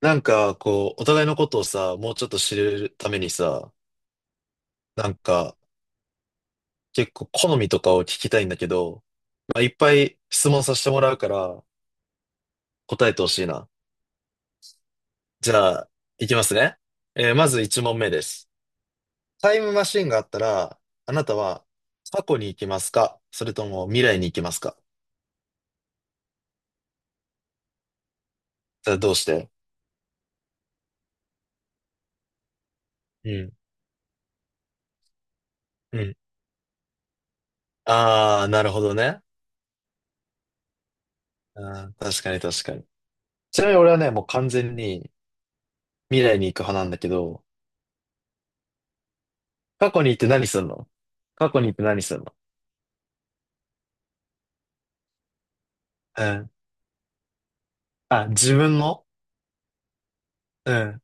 なんか、こう、お互いのことをさ、もうちょっと知るためにさ、なんか、結構好みとかを聞きたいんだけど、まあ、いっぱい質問させてもらうから、答えてほしいな。じゃあ、いきますね。まず1問目です。タイムマシンがあったら、あなたは過去に行きますか？それとも未来に行きますか？それはどうして？うん。うん。あー、なるほどね。あー確かに確かに。ちなみに俺はね、もう完全に未来に行く派なんだけど、過去に行って何すんの？過去に行って何すんの？うん。あ、自分の。うん。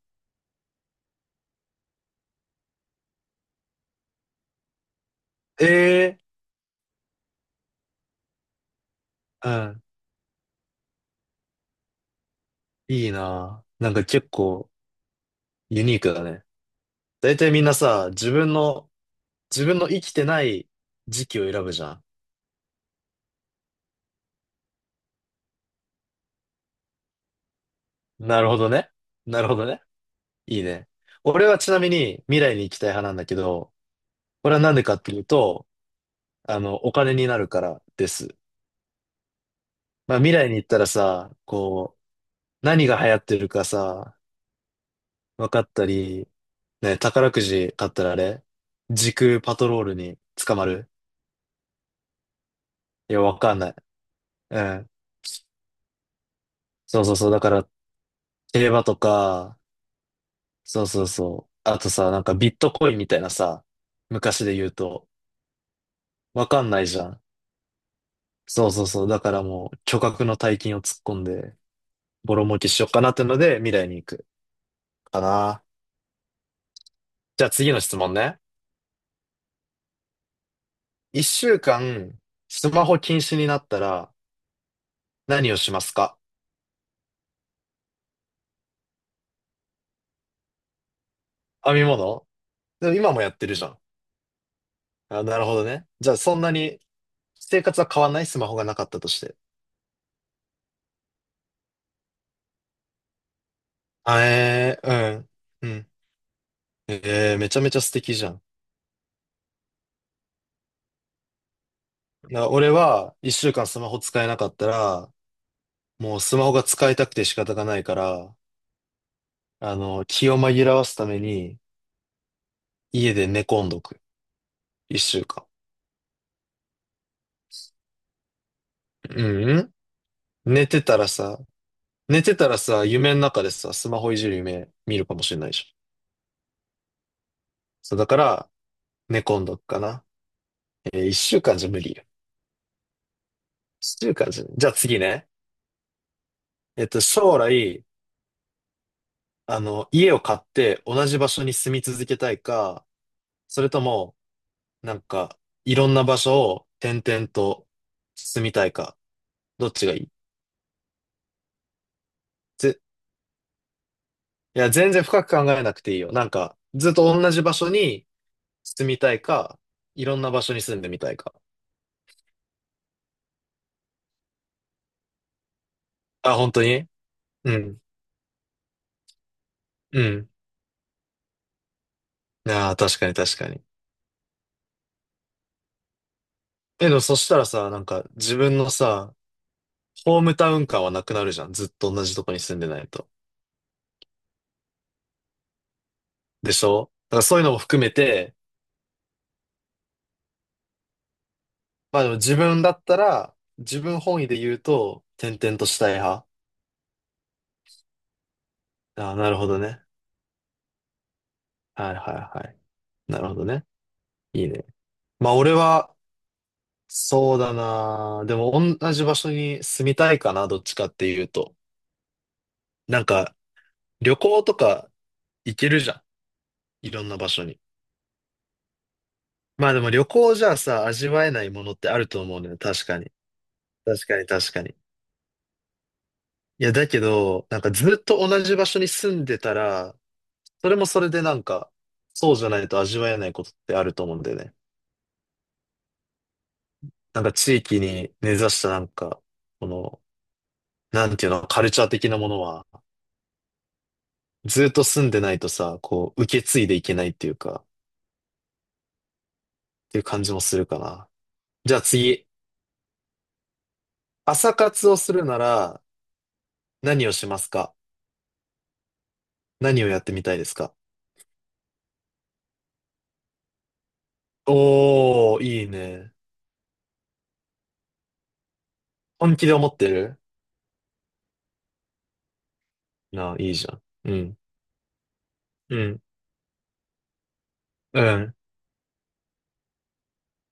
ええ。うん。いいなぁ。なんか結構ユニークだね。大体みんなさ、自分の、自分の生きてない時期を選ぶじゃん。なるほどね。なるほどね。いいね。俺はちなみに未来に行きたい派なんだけど、これはなんでかっていうと、あの、お金になるからです。まあ未来に行ったらさ、こう、何が流行ってるかさ、分かったり、ね、宝くじ買ったらあれ時空パトロールに捕まる。いや、わかんない。うん。そうそうそう。だから、競馬とか、そうそうそう。あとさ、なんかビットコインみたいなさ、昔で言うと、わかんないじゃん。そうそうそう。だからもう、巨額の大金を突っ込んで、ボロ儲けしようかなってので、未来に行くかな。じゃあ次の質問ね。一週間、スマホ禁止になったら、何をしますか？編み物。でも今もやってるじゃん。あ、なるほどね。じゃあそんなに生活は変わんない。スマホがなかったとして。あえー、うん。うん。めちゃめちゃ素敵じゃん。俺は一週間スマホ使えなかったら、もうスマホが使いたくて仕方がないから、あの、気を紛らわすために家で寝込んどく。一週間。うん。寝てたらさ、寝てたらさ、夢の中でさ、スマホいじる夢見るかもしれないじゃん。そう、だから寝込んどくかな。一週間じゃ無理よ。中華人。じゃあ次ね。将来、あの、家を買って同じ場所に住み続けたいか、それとも、なんか、いろんな場所を転々と住みたいか、どっちがいい？ぜ、いや、全然深く考えなくていいよ。なんか、ずっと同じ場所に住みたいか、いろんな場所に住んでみたいか。あ、本当に？うん。うん。ああ、確かに確かに。え、でもそしたらさ、なんか、自分のさ、ホームタウン感はなくなるじゃん。ずっと同じとこに住んでないと。でしょ？だからそういうのも含めて、まあでも自分だったら、自分本位で言うと、転々としたい派。ああ、なるほどね。はいはいはい。なるほどね。いいね。まあ俺は、そうだな。でも同じ場所に住みたいかな、どっちかっていうと。なんか、旅行とか行けるじゃん。いろんな場所に。まあでも旅行じゃさ、味わえないものってあると思うのよ。確かに。確かに確かに。いや、だけど、なんかずっと同じ場所に住んでたら、それもそれでなんか、そうじゃないと味わえないことってあると思うんだよね。なんか地域に根ざしたなんか、この、なんていうの、カルチャー的なものは、ずっと住んでないとさ、こう、受け継いでいけないっていうか、っていう感じもするかな。じゃあ次、朝活をするなら、何をしますか？何をやってみたいですか？おー、いいね。本気で思ってる？なあ、いいじゃん。うん。うん。うん。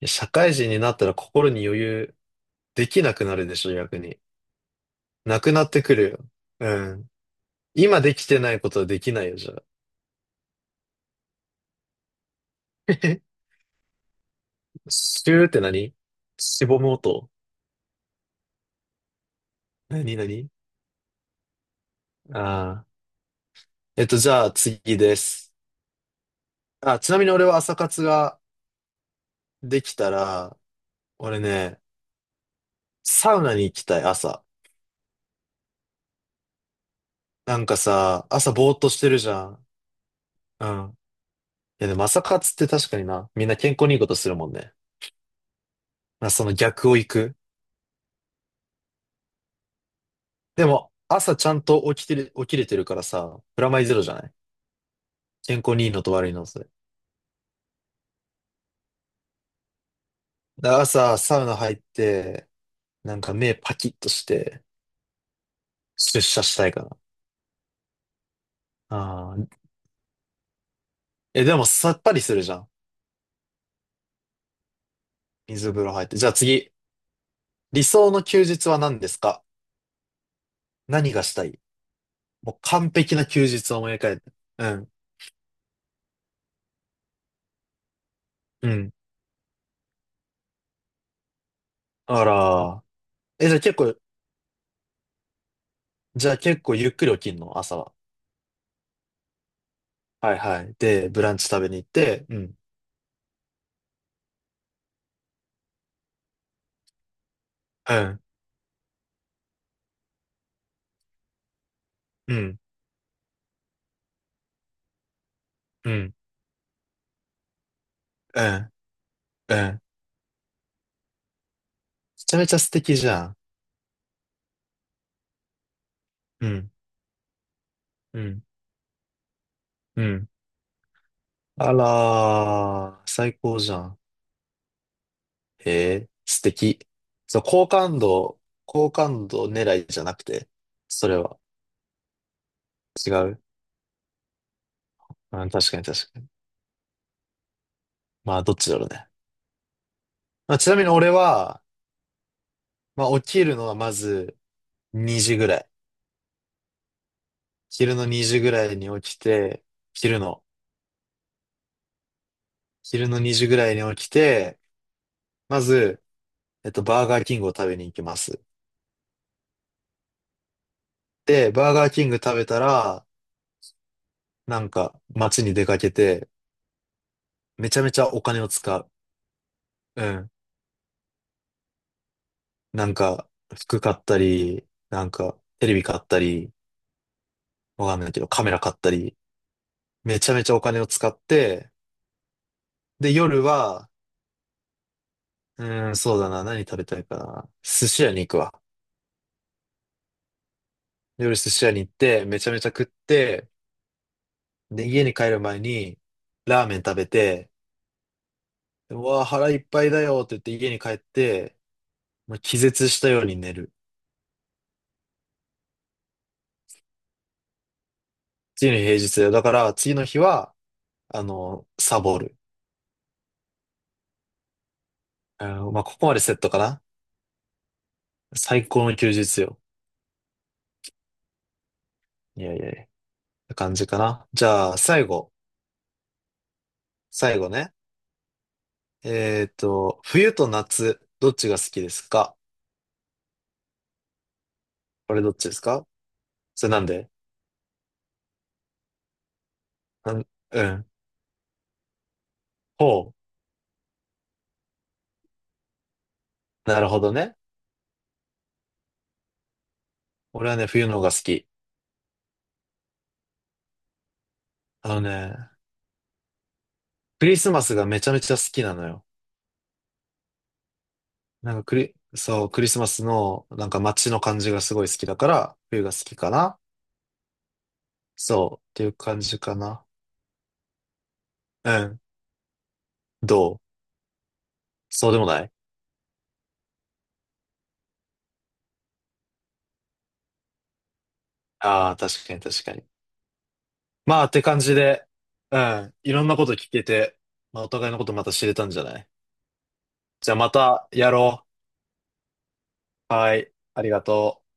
いや社会人になったら心に余裕できなくなるでしょ、逆に。なくなってくるよ。うん。今できてないことはできないよ、じゃあ。シューって何？しぼむ音。何？何？ああー。じゃあ次です。あ、ちなみに俺は朝活ができたら、俺ね、サウナに行きたい、朝。なんかさ、朝ぼーっとしてるじゃん。うん。いや、でも朝活って確かにな、みんな健康にいいことするもんね。まあ、その逆を行く。でも、朝ちゃんと起きてる、起きれてるからさ、プラマイゼロじゃない？健康にいいのと悪いの、それ。だから朝、サウナ入って、なんか目パキッとして、出社したいかな。あーえ、でもさっぱりするじゃん。水風呂入って。じゃあ次、理想の休日は何ですか？何がしたい？もう完璧な休日を思い浮かべて。うん。うん。あら、え、じゃあ結構ゆっくり起きんの、朝は？はいはい。で、ブランチ食べに行って、うん。うん。うん。うん。うん。うん。めちゃめちゃ素敵じゃん。うん。うん。うん。あらー、最高じゃん。へえ、素敵。そう、好感度、好感度狙いじゃなくて、それは違う。うん、確かに確かに。まあ、どっちだろうね。まあ、ちなみに俺は、まあ、起きるのはまず2時ぐらい。昼の2時ぐらいに起きて、昼の、昼の2時ぐらいに起きて、まず、バーガーキングを食べに行きます。で、バーガーキング食べたら、なんか、街に出かけて、めちゃめちゃお金を使う。うん。なんか、服買ったり、なんか、テレビ買ったり、わかんないけど、カメラ買ったり、めちゃめちゃお金を使って、で、夜は、うーん、そうだな、何食べたいかな。寿司屋に行くわ。夜寿司屋に行って、めちゃめちゃ食って、で、家に帰る前に、ラーメン食べて、うわあ、腹いっぱいだよって言って家に帰って、もう気絶したように寝る。次の日平日だよ。だから、次の日は、あの、サボる。あのまあ、ここまでセットかな。最高の休日よ。いやいやいや。感じかな。じゃあ、最後。最後ね。冬と夏、どっちが好きですか？これどっちですか？それなんで？なんうん。ほう。なるほどね。俺はね、冬の方が好き。あのね、クリスマスがめちゃめちゃ好きなのよ。なんかそう、クリスマスの、なんか街の感じがすごい好きだから、冬が好きかな。そう、っていう感じかな。うん。どう？そうでもない？ああー、確かに確かに。まあ、って感じで、うん。いろんなこと聞けて、まあ、お互いのことまた知れたんじゃない？じゃあまたやろう。はい。ありがとう。